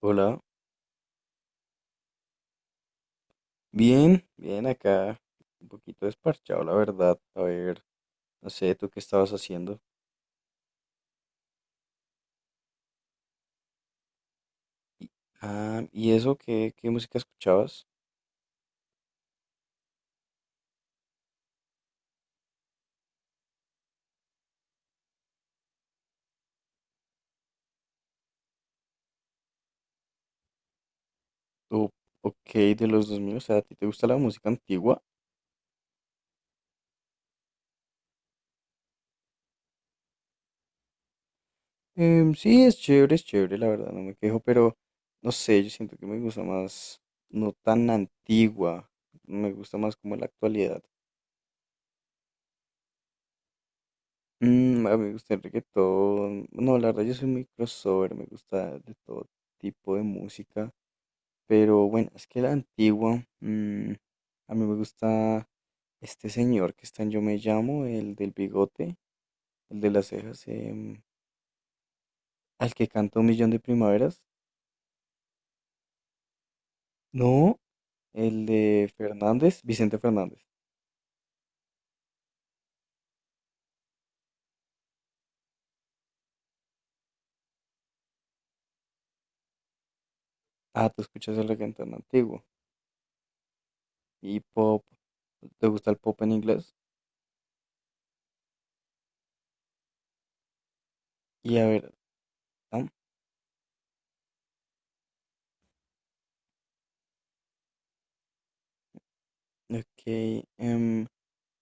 Hola, bien, bien acá, un poquito desparchado, la verdad. A ver, no sé, ¿tú qué estabas haciendo? Y, ah, ¿y eso qué música escuchabas? ¿O Ok, de los 2000, o sea, ¿a ti te gusta la música antigua? Sí, es chévere, la verdad, no me quejo, pero no sé, yo siento que me gusta más, no tan antigua, me gusta más como la actualidad. A mí me gusta el reggaetón, no, la verdad, yo soy muy crossover, me gusta de todo tipo de música. Pero bueno, es que la antigua, a mí me gusta este señor que está en Yo Me Llamo, el del bigote, el de las cejas, al que canta Un Millón de Primaveras. No, el de Fernández, Vicente Fernández. Ah, tú escuchas el reggaetón tan antiguo. Y pop, ¿te gusta el pop en inglés? Y a ver, ah, ok,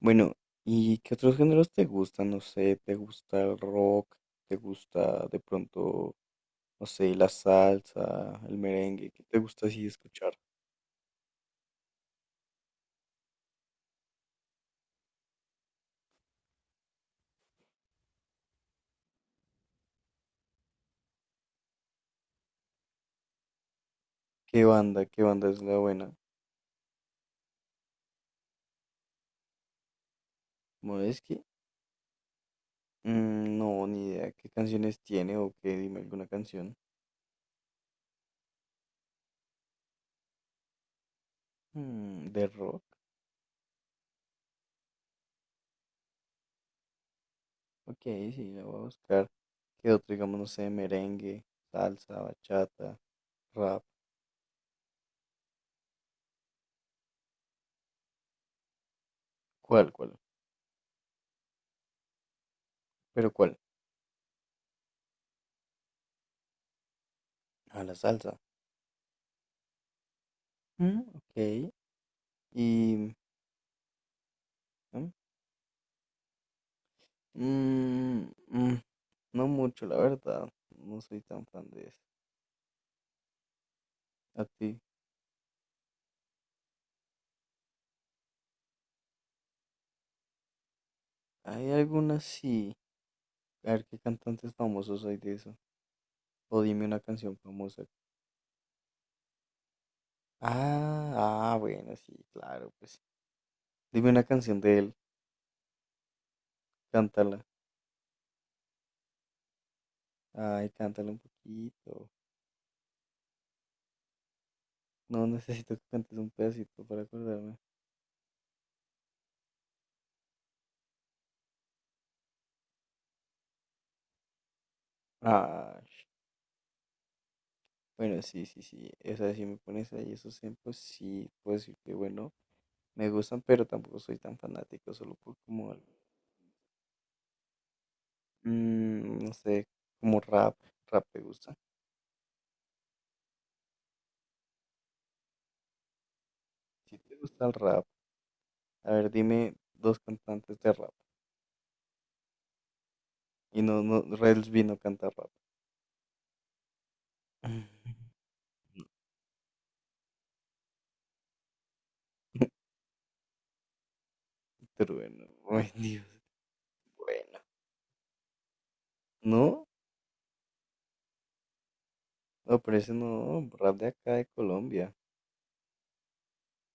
bueno, ¿y qué otros géneros te gustan? No sé, ¿te gusta el rock? ¿Te gusta de pronto no sé, la salsa, el merengue, qué te gusta así escuchar? ¿Qué banda es la buena? Modeski, mm, no, ni idea, ¿qué canciones tiene o qué? Dime alguna canción. Mm, de rock, ok, sí, la voy a buscar. ¿Qué otro, digamos, no sé, merengue, salsa, bachata, rap? ¿Cuál, cuál? ¿Pero cuál? A la salsa. Mm, ok, y... ¿no? Mm, mm, mm, no mucho, la verdad, no soy tan fan de eso. ¿A ti? Hay algunas sí. A ver qué cantantes famosos hay de eso. O dime una canción famosa. Ah, ah, bueno, sí, claro, pues. Dime una canción de él, cántala. Ay, cántala un poquito. No, necesito que cantes un pedacito para acordarme. Ah, bueno, sí, sí, sí. Esa sí, me pones ahí esos ejemplos, sí, puedo decir que bueno, me gustan, pero tampoco soy tan fanático, solo por como, al- no sé, como rap. Rap te gusta. Si te gusta el rap. A ver, dime dos cantantes de rap. Y no, no, Rels vino a cantar rap. Pero bueno, ay Dios, bueno. No, no, pero ese no, rap de acá de Colombia.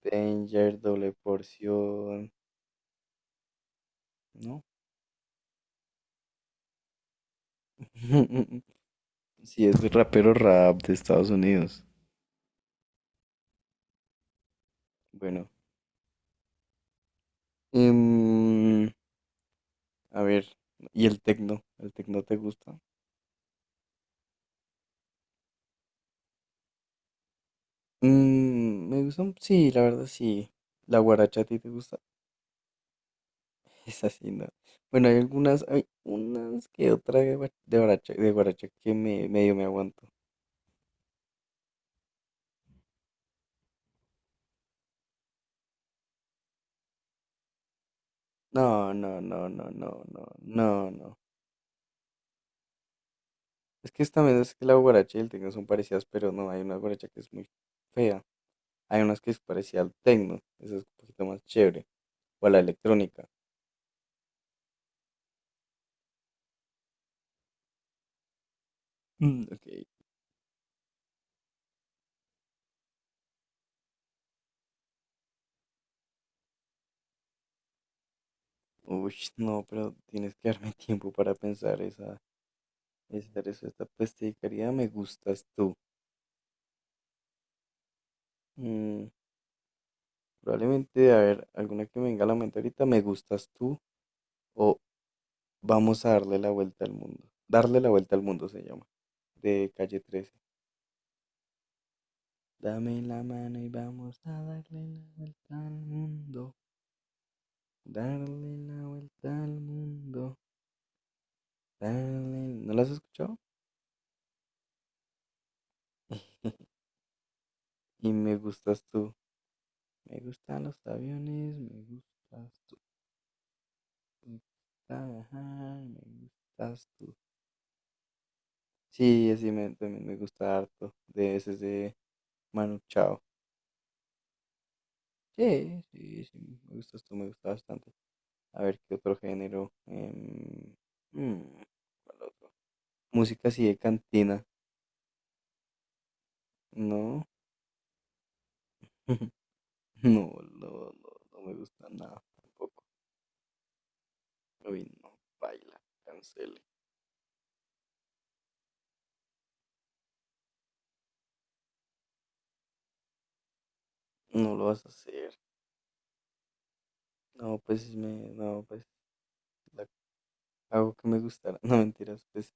Danger, Doble Porción. No. Sí, es rapero, rap de Estados Unidos. Bueno. em, a ver, ¿y el tecno? ¿El tecno te gusta? Me gusta, un- sí, la verdad sí. ¿La guaracha a ti te gusta? Es así, ¿no? Bueno, hay algunas, hay unas que otra de guaracha que me, medio me aguanto. No, no, no, no, no, no, no, no. Es que también es que la guaracha y el tecno son parecidas, pero no, hay una guaracha que es muy fea. Hay unas que es parecida al tecno, esa es un poquito más chévere. O a la electrónica. Mm, ok. Uy, no, pero tienes que darme tiempo para pensar esa, esta peste de caridad, me gustas tú. Mm, Probablemente, a ver, alguna que me venga a la mente ahorita, me gustas tú o vamos a darle la vuelta al mundo. Darle la vuelta al mundo se llama, de Calle 13. Dame la mano y vamos a darle la vuelta al mundo. Darle la vuelta al mundo. Darle... ¿No la has escuchado? Y me gustas tú. Me gustan los aviones, me gustas tú. Me gusta viajar, me gustas tú. Sí, así me, también me gusta harto. De ese es de Manu Chao. Sí, sí, sí, me gusta esto, me gusta bastante. A ver, ¿qué otro género? Mm, ¿Cuál otro? Música así de cantina, ¿no? No, no, no, no me gusta nada tampoco. Uy, no, baila, cancele. No lo vas a hacer. No, pues me, no, pues la hago que me gustara. No, mentiras, pues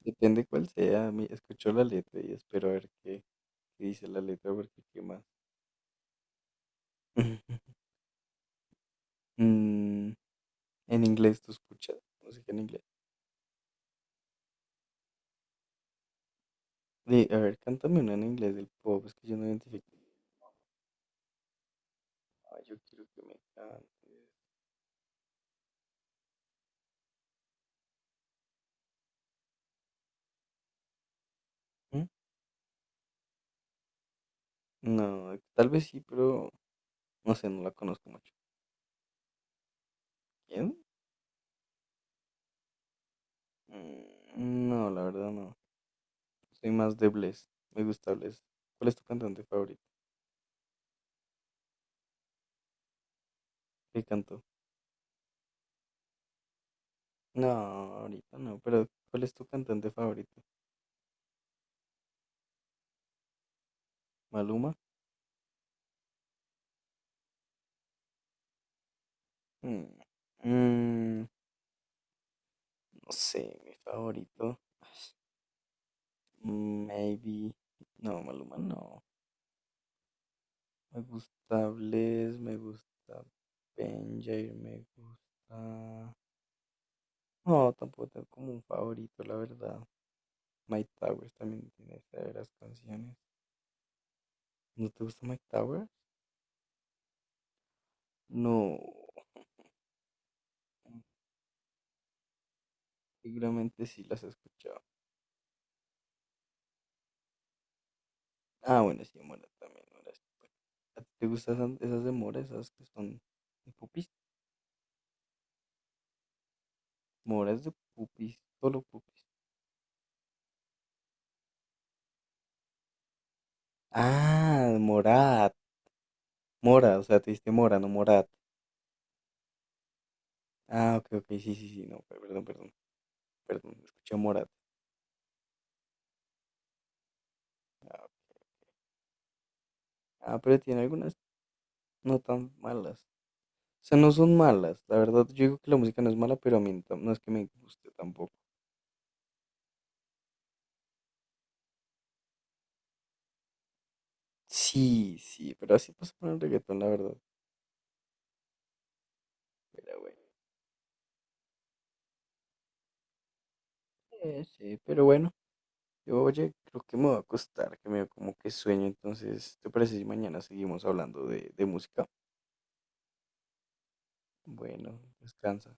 depende cuál sea. Mi- Escucho la letra y espero a ver qué, qué dice la letra, porque qué más. Mm, En inglés, ¿tú escuchas música en inglés? De, a ver, cántame una en inglés del pop, es que yo no identifico. Ay, yo quiero que me cantes. ¿Mm? No, tal vez sí, pero no sé, no la conozco mucho. ¿Quién? Mm, no, la verdad no. Soy más de Bless. Me gusta Bless. ¿Cuál es tu cantante favorito? ¿Qué cantó? No, ahorita no, pero ¿cuál es tu cantante favorito? ¿Maluma? Mm, mm, no sé, mi favorito. Ay, maybe. No, Maluma no. Me gusta Bless, me gusta Benjair, me gusta. No, tampoco tengo como un favorito, la verdad. Mike Towers también tiene severas canciones. ¿No te gusta Mike Towers? No, seguramente sí las he escuchado. Ah, bueno, sí, Mora también. Mora es bueno. ¿A ti te gustan esas esas de Mora, esas que son de pupis? Mora es de pupis, solo pupis. Ah, Morat. Mora, o sea, te diste Mora, no Morat. Ah, ok, ok, sí, sí, sí, no, perdón, perdón. Perdón, escuché Morat. Ah, ah, pero tiene algunas no tan malas. O sea, no son malas. La verdad, yo digo que la música no es mala, pero a mí no, no es que me guste tampoco. Sí, sí, pero así pasa con el reggaetón, la verdad. Pero bueno, sí, pero bueno. Yo, oye, creo que me va a costar, que me dio como que sueño. Entonces, ¿te parece si mañana seguimos hablando de música? Bueno, descansa.